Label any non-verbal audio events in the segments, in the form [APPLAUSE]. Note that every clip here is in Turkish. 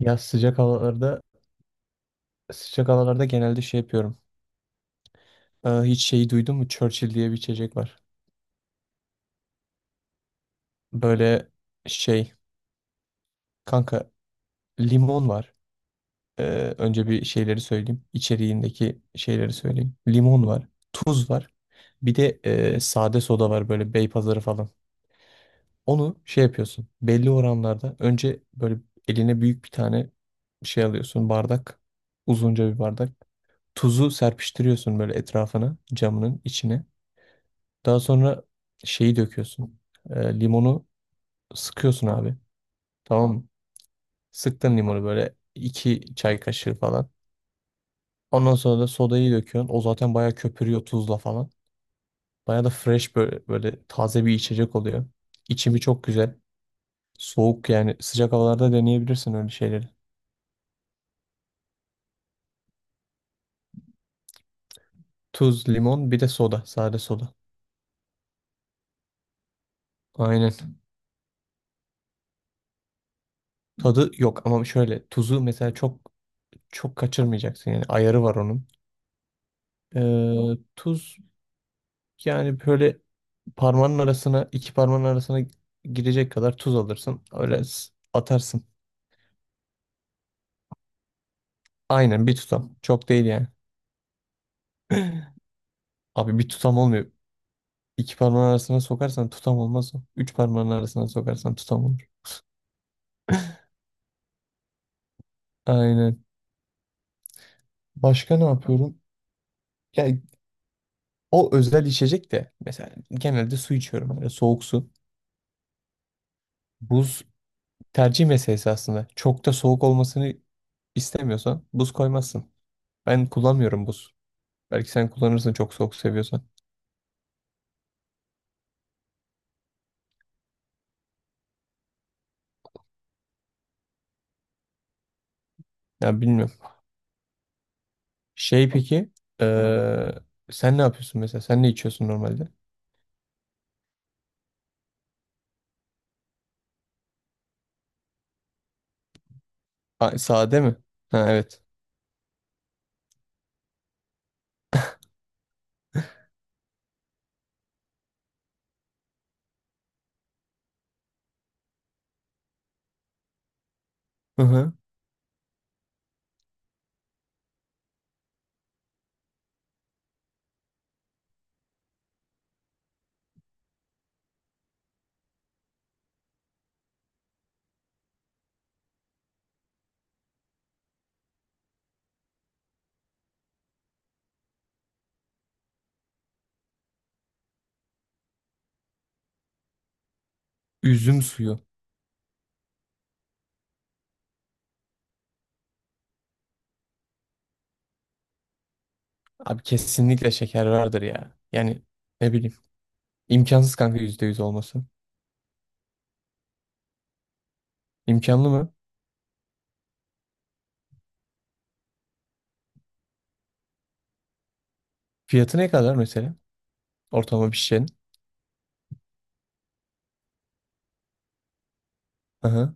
Ya sıcak havalarda genelde şey yapıyorum. Hiç şeyi duydun mu? Churchill diye bir içecek var. Böyle şey kanka limon var. Ee, önce bir şeyleri söyleyeyim. İçeriğindeki şeyleri söyleyeyim. Limon var. Tuz var. Bir de sade soda var böyle Beypazarı falan. Onu şey yapıyorsun. Belli oranlarda önce böyle eline büyük bir tane şey alıyorsun. Bardak. Uzunca bir bardak. Tuzu serpiştiriyorsun böyle etrafına camının içine. Daha sonra şeyi döküyorsun. Limonu sıkıyorsun abi. Tamam mı? Sıktın limonu böyle 2 çay kaşığı falan. Ondan sonra da sodayı döküyorsun. O zaten bayağı köpürüyor tuzla falan. Bayağı da fresh böyle, böyle taze bir içecek oluyor. İçimi çok güzel. Soğuk yani sıcak havalarda deneyebilirsin öyle şeyleri. Tuz, limon bir de soda. Sade soda. Aynen. Tadı yok ama şöyle tuzu mesela çok çok kaçırmayacaksın yani ayarı var onun. Tuz yani böyle parmağının arasına iki parmağın arasına girecek kadar tuz alırsın. Öyle atarsın. Aynen bir tutam. Çok değil yani. [CLEARS THROAT] Abi bir tutam olmuyor. İki parmağın arasına sokarsan tutam olmaz o. Üç parmağın arasına sokarsan tutam olur. Aynen. Başka ne yapıyorum? Yani o özel içecek de mesela genelde su içiyorum. Böyle soğuk su. Buz tercih meselesi aslında. Çok da soğuk olmasını istemiyorsan buz koymazsın. Ben kullanmıyorum buz. Belki sen kullanırsın çok soğuk seviyorsan. Ya bilmiyorum. Şey peki eee, sen ne yapıyorsun mesela? Sen ne içiyorsun normalde? Ha, sade mi? Ha, evet. Hı hı. Üzüm suyu. Abi kesinlikle şeker vardır ya. Yani ne bileyim. İmkansız kanka %100 olması. İmkanlı mı? Fiyatı ne kadar mesela? Ortalama bir şişenin. Hı hı.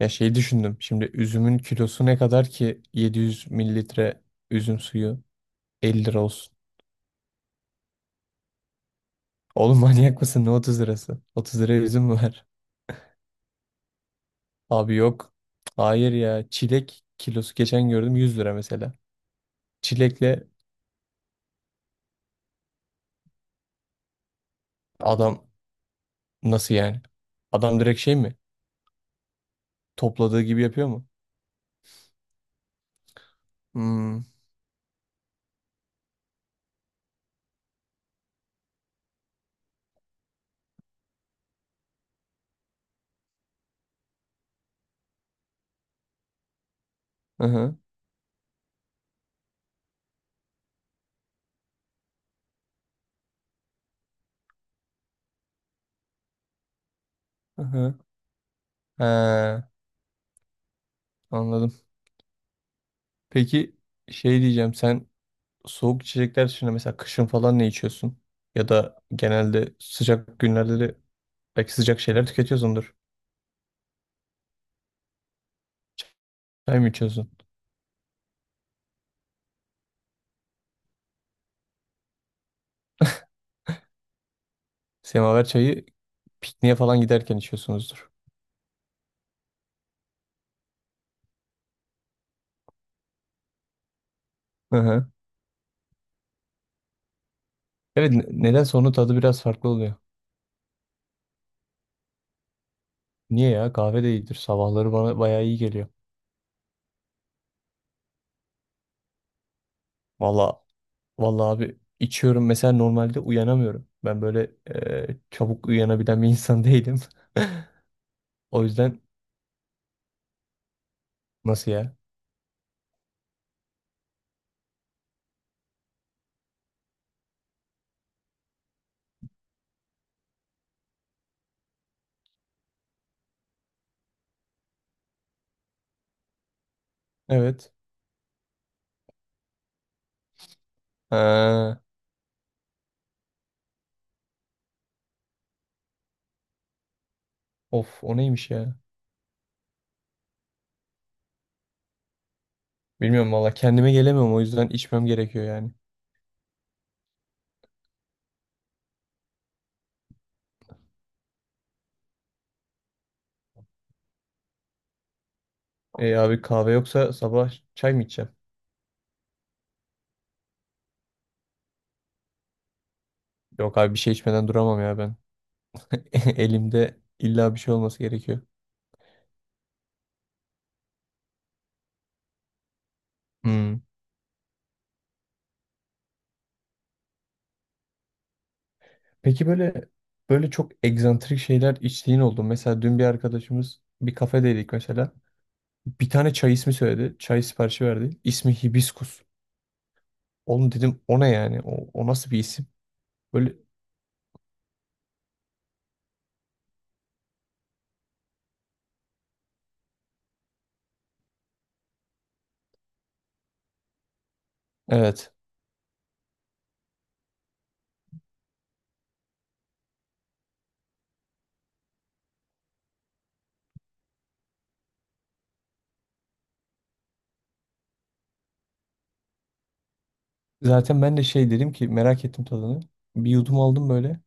Ya şey düşündüm. Şimdi üzümün kilosu ne kadar ki 700 mililitre üzüm suyu 50 lira olsun. Oğlum manyak mısın? Ne 30 lirası? 30 liraya üzüm mü var? Abi yok. Hayır ya. Çilek kilosu geçen gördüm 100 lira mesela. Çilekle adam nasıl yani? Adam direkt şey mi? Topladığı gibi yapıyor mu? Hmm. Hı hı. Hı hı. Ha, anladım. Peki şey diyeceğim sen soğuk içecekler dışında mesela kışın falan ne içiyorsun? Ya da genelde sıcak günlerde de belki sıcak şeyler tüketiyorsundur. Çay mı içiyorsun? Semaver çayı pikniğe falan giderken içiyorsunuzdur. Hı hı. Evet, nedense onun tadı biraz farklı oluyor. Niye ya? Kahve de iyidir. Sabahları bana bayağı iyi geliyor. Valla valla abi içiyorum. Mesela normalde uyanamıyorum. Ben böyle çabuk uyanabilen bir insan değilim. [LAUGHS] O yüzden nasıl ya? Evet. Ha, of, o neymiş ya? Bilmiyorum valla kendime gelemiyorum o yüzden içmem gerekiyor yani. E abi kahve yoksa sabah çay mı içeceğim? Yok abi bir şey içmeden duramam ya ben. [LAUGHS] Elimde illa bir şey olması gerekiyor. Hmm. Peki böyle çok egzantrik şeyler içtiğin oldu mu? Mesela dün bir arkadaşımız bir kafedeydik mesela. Bir tane çay ismi söyledi. Çay siparişi verdi. İsmi Hibiskus. Oğlum dedim o ne yani? O nasıl bir isim? Böyle evet. Zaten ben de şey dedim ki merak ettim tadını. Bir yudum aldım böyle.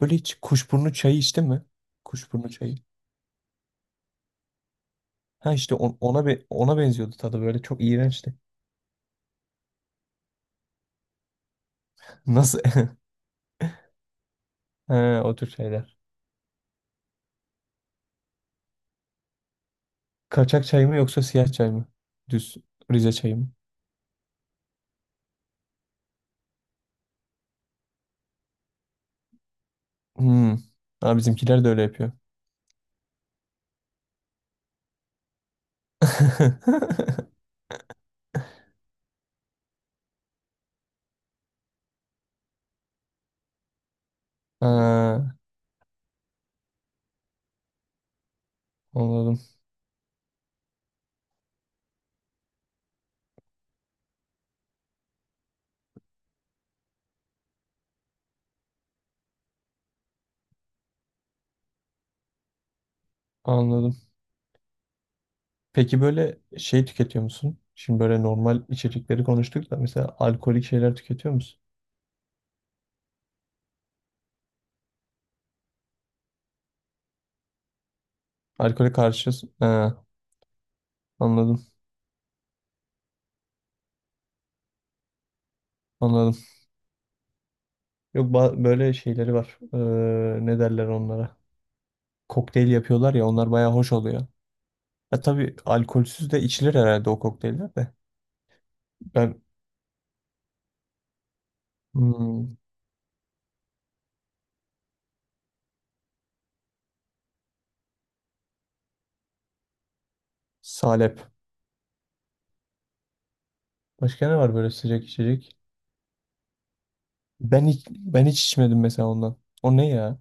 Böyle hiç kuşburnu çayı içtin mi? Kuşburnu çayı. Ha işte ona benziyordu tadı böyle çok iğrençti. Nasıl? [LAUGHS] He, o tür şeyler. Kaçak çay mı yoksa siyah çay mı? Düz Rize çayı mı? Hmm. Ha, bizimkiler de öyle yapıyor. [LAUGHS] Ha, anladım. Anladım. Peki böyle şey tüketiyor musun? Şimdi böyle normal içecekleri konuştuk da mesela alkolik şeyler tüketiyor musun? Alkole karşı ha, anladım. Anladım. Yok böyle şeyleri var. Ne derler onlara? Kokteyl yapıyorlar ya onlar baya hoş oluyor. Ya tabii alkolsüz de içilir herhalde o kokteyller de. Ben hmm, salep. Başka ne var böyle sıcak içecek? Ben hiç içmedim mesela ondan. O ne ya?